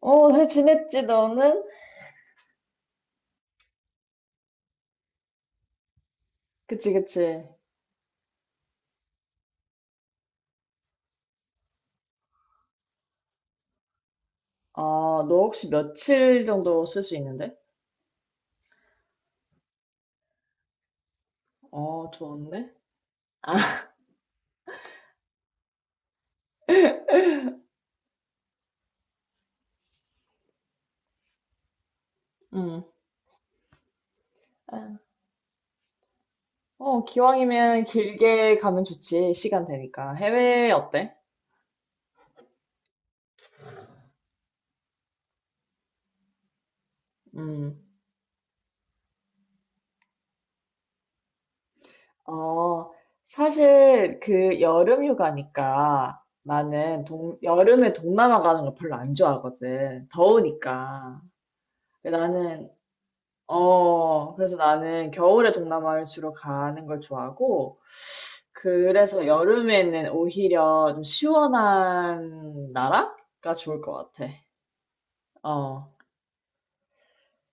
어, 잘 지냈지, 너는? 그치, 그치. 아, 너 혹시 며칠 정도 쓸 수 있는데? 어, 좋은데? 아, 응. 아, 어, 기왕이면 길게 가면 좋지, 시간 되니까. 해외 어때? 음. 어, 사실 그 여름 휴가니까 나는 여름에 동남아 가는 거 별로 안 좋아하거든. 더우니까. 나는 그래서 나는 겨울에 동남아를 주로 가는 걸 좋아하고, 그래서 여름에는 오히려 좀 시원한 나라가 좋을 것 같아. 어,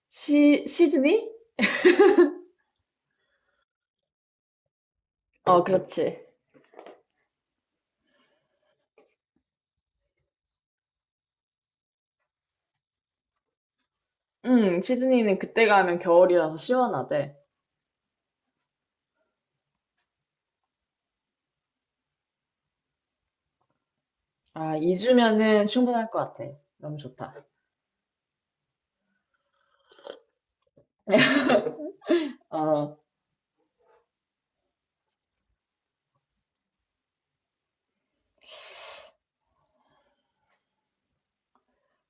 시드니? 어, 그렇지. 응, 시드니는 그때 가면 겨울이라서 시원하대. 아, 2주면은 충분할 것 같아. 너무 좋다. 어,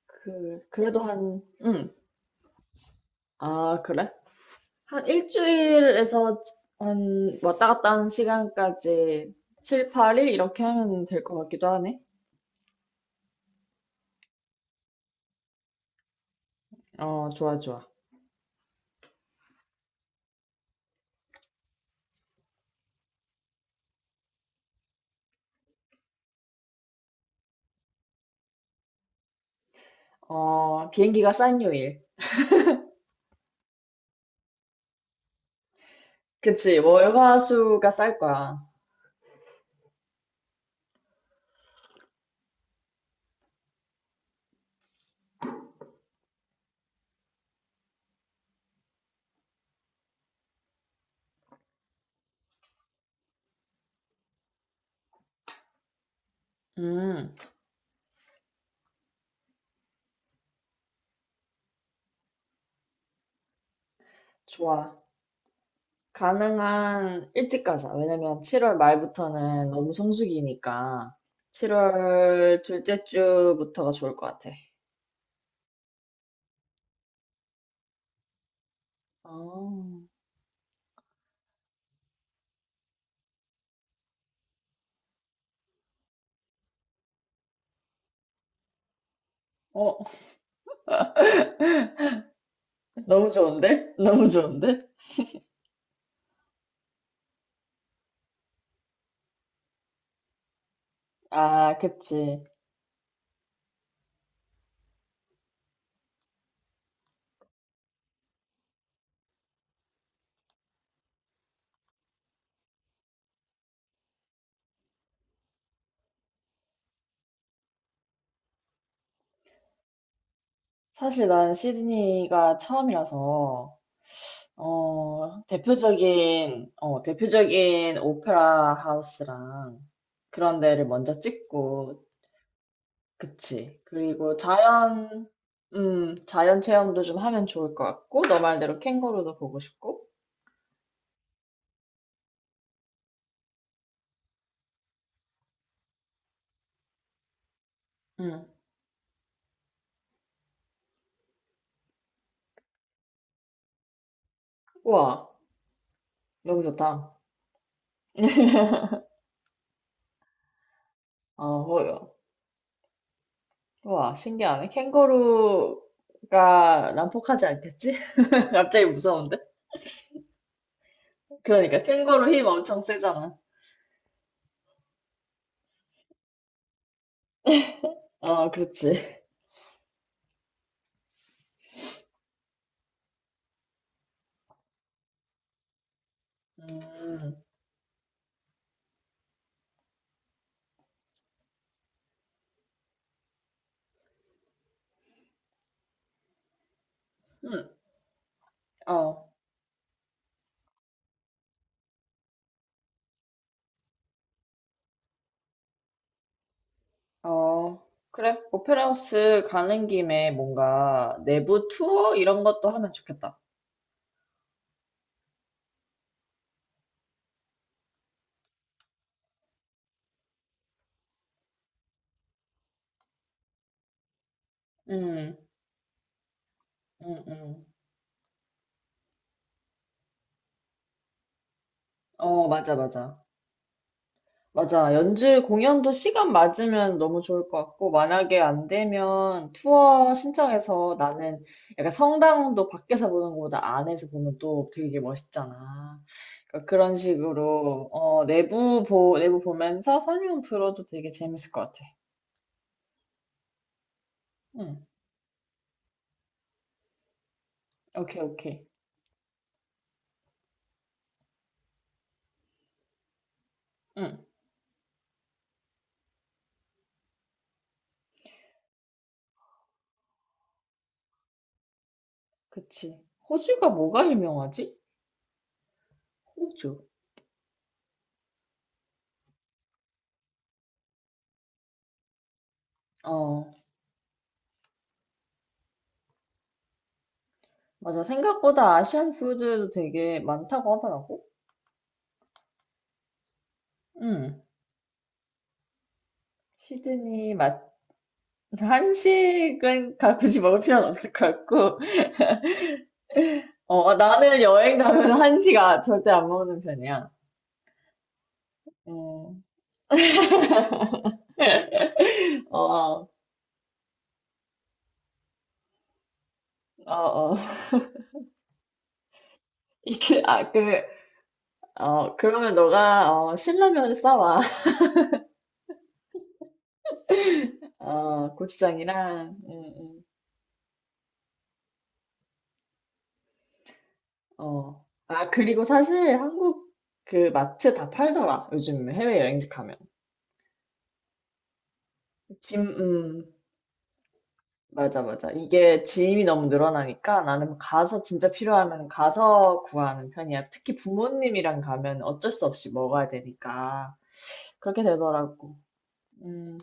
그래도 한, 응. 아, 그래? 한 일주일에서 한 왔다 갔다 하는 시간까지 7, 8일 이렇게 하면 될 것 같기도 하네. 어, 좋아, 좋아. 어, 비행기가 싼 요일. 그치, 월화수가 쌀 거야. 음, 좋아. 가능한 일찍 가자. 왜냐면 7월 말부터는 너무 성수기니까 7월 둘째 주부터가 좋을 것 같아. 어, 어, 너무 좋은데? 너무 좋은데? 아, 그치. 사실 난 시드니가 처음이라서 어, 대표적인 오페라 하우스랑 그런 데를 먼저 찍고. 그치. 그리고 자연 체험도 좀 하면 좋을 것 같고, 너 말대로 캥거루도 보고 싶고. 음. 우와, 너무 좋다. 아, 허, 우와, 신기하네. 캥거루가 난폭하지 않겠지? 갑자기 무서운데? 그러니까 캥거루 힘 엄청 세잖아. 어, 그렇지. 음, 음, 어, 어, 그래. 오페라 하우스 가는 김에 뭔가 내부 투어 이런 것도 하면 좋겠다. 음, 음, 음. 어, 맞아, 맞아. 맞아. 연주 공연도 시간 맞으면 너무 좋을 것 같고, 만약에 안 되면 투어 신청해서 나는 약간, 성당도 밖에서 보는 것보다 안에서 보면 또 되게 멋있잖아. 그러니까 그런 식으로, 어, 내부 보면서 설명 들어도 되게 재밌을 것 같아. 음. 오케이, 오케이. 응, 그치. 호주가 뭐가 유명하지? 호주. 어, 맞아. 생각보다 아시안 푸드도 되게 많다고 하더라고. 응. 시드니 맛, 한식은 굳이 먹을 필요는 없을 것 같고, 어, 어, 나는 여행 가면 한식 아, 절대 안 먹는 편이야. 음, 어, 어, 어. 이게, 아, 그, 어, 그러면 너가, 어, 신라면 싸와. 어, 고추장이랑, 응, 응. 어. 아, 그리고 사실 한국 그 마트 다 팔더라, 요즘 해외여행지 가면. 짐, 맞아, 맞아. 이게 짐이 너무 늘어나니까 나는 가서 진짜 필요하면 가서 구하는 편이야. 특히 부모님이랑 가면 어쩔 수 없이 먹어야 되니까. 그렇게 되더라고. 음,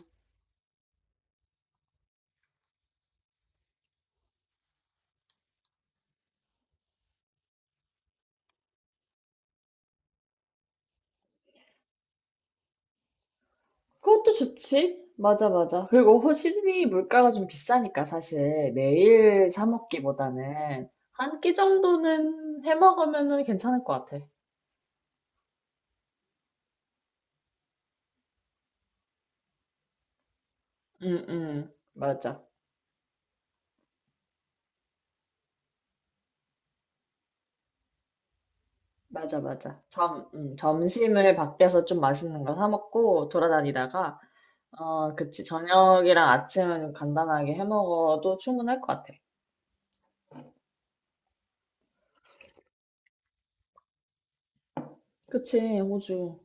그것도 좋지. 맞아, 맞아. 그리고 시드니 물가가 좀 비싸니까 사실 매일 사 먹기보다는 한 끼 정도는 해 먹으면은 괜찮을 것 같아. 맞아. 맞아, 맞아. 점심을 밖에서 좀 맛있는 거 사 먹고 돌아다니다가, 어, 그치, 저녁이랑 아침은 간단하게 해 먹어도 충분할 것 같아. 그치, 호주.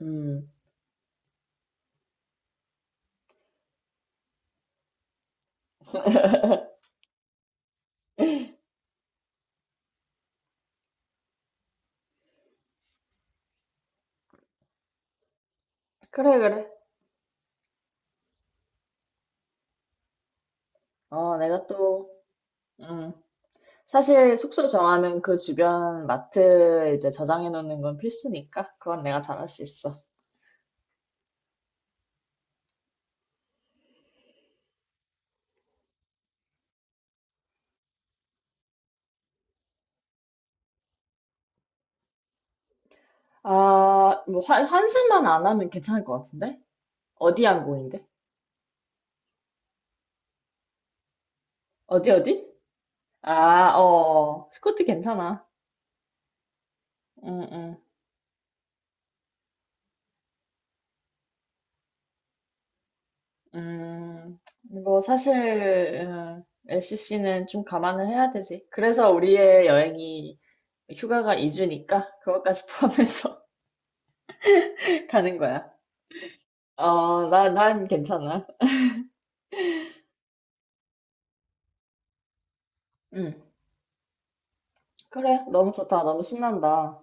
음, 그래, 그래. 어, 내가 또, 음, 사실 숙소 정하면 그 주변 마트 이제 저장해 놓는 건 필수니까. 그건 내가 잘 할 수 있어. 아, 뭐, 환승만 안 하면 괜찮을 것 같은데? 어디 항공인데? 어디, 어디? 아, 어, 스쿼트 괜찮아. 응응. 음. 뭐, 사실, LCC는 좀 감안을 해야 되지. 그래서 우리의 여행이, 휴가가 2주니까 그것까지 포함해서 가는 거야. 어, 난 괜찮아. 응. 그래. 너무 좋다. 너무 신난다.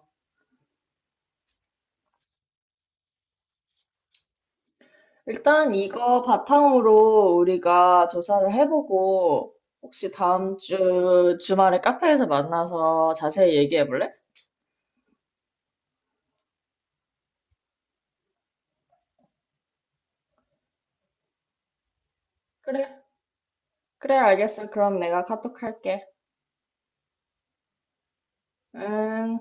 일단 이거 바탕으로 우리가 조사를 해보고, 혹시 다음 주 주말에 카페에서 만나서 자세히 얘기해 볼래? 그래. 그래, 알겠어. 그럼 내가 카톡 할게. 응.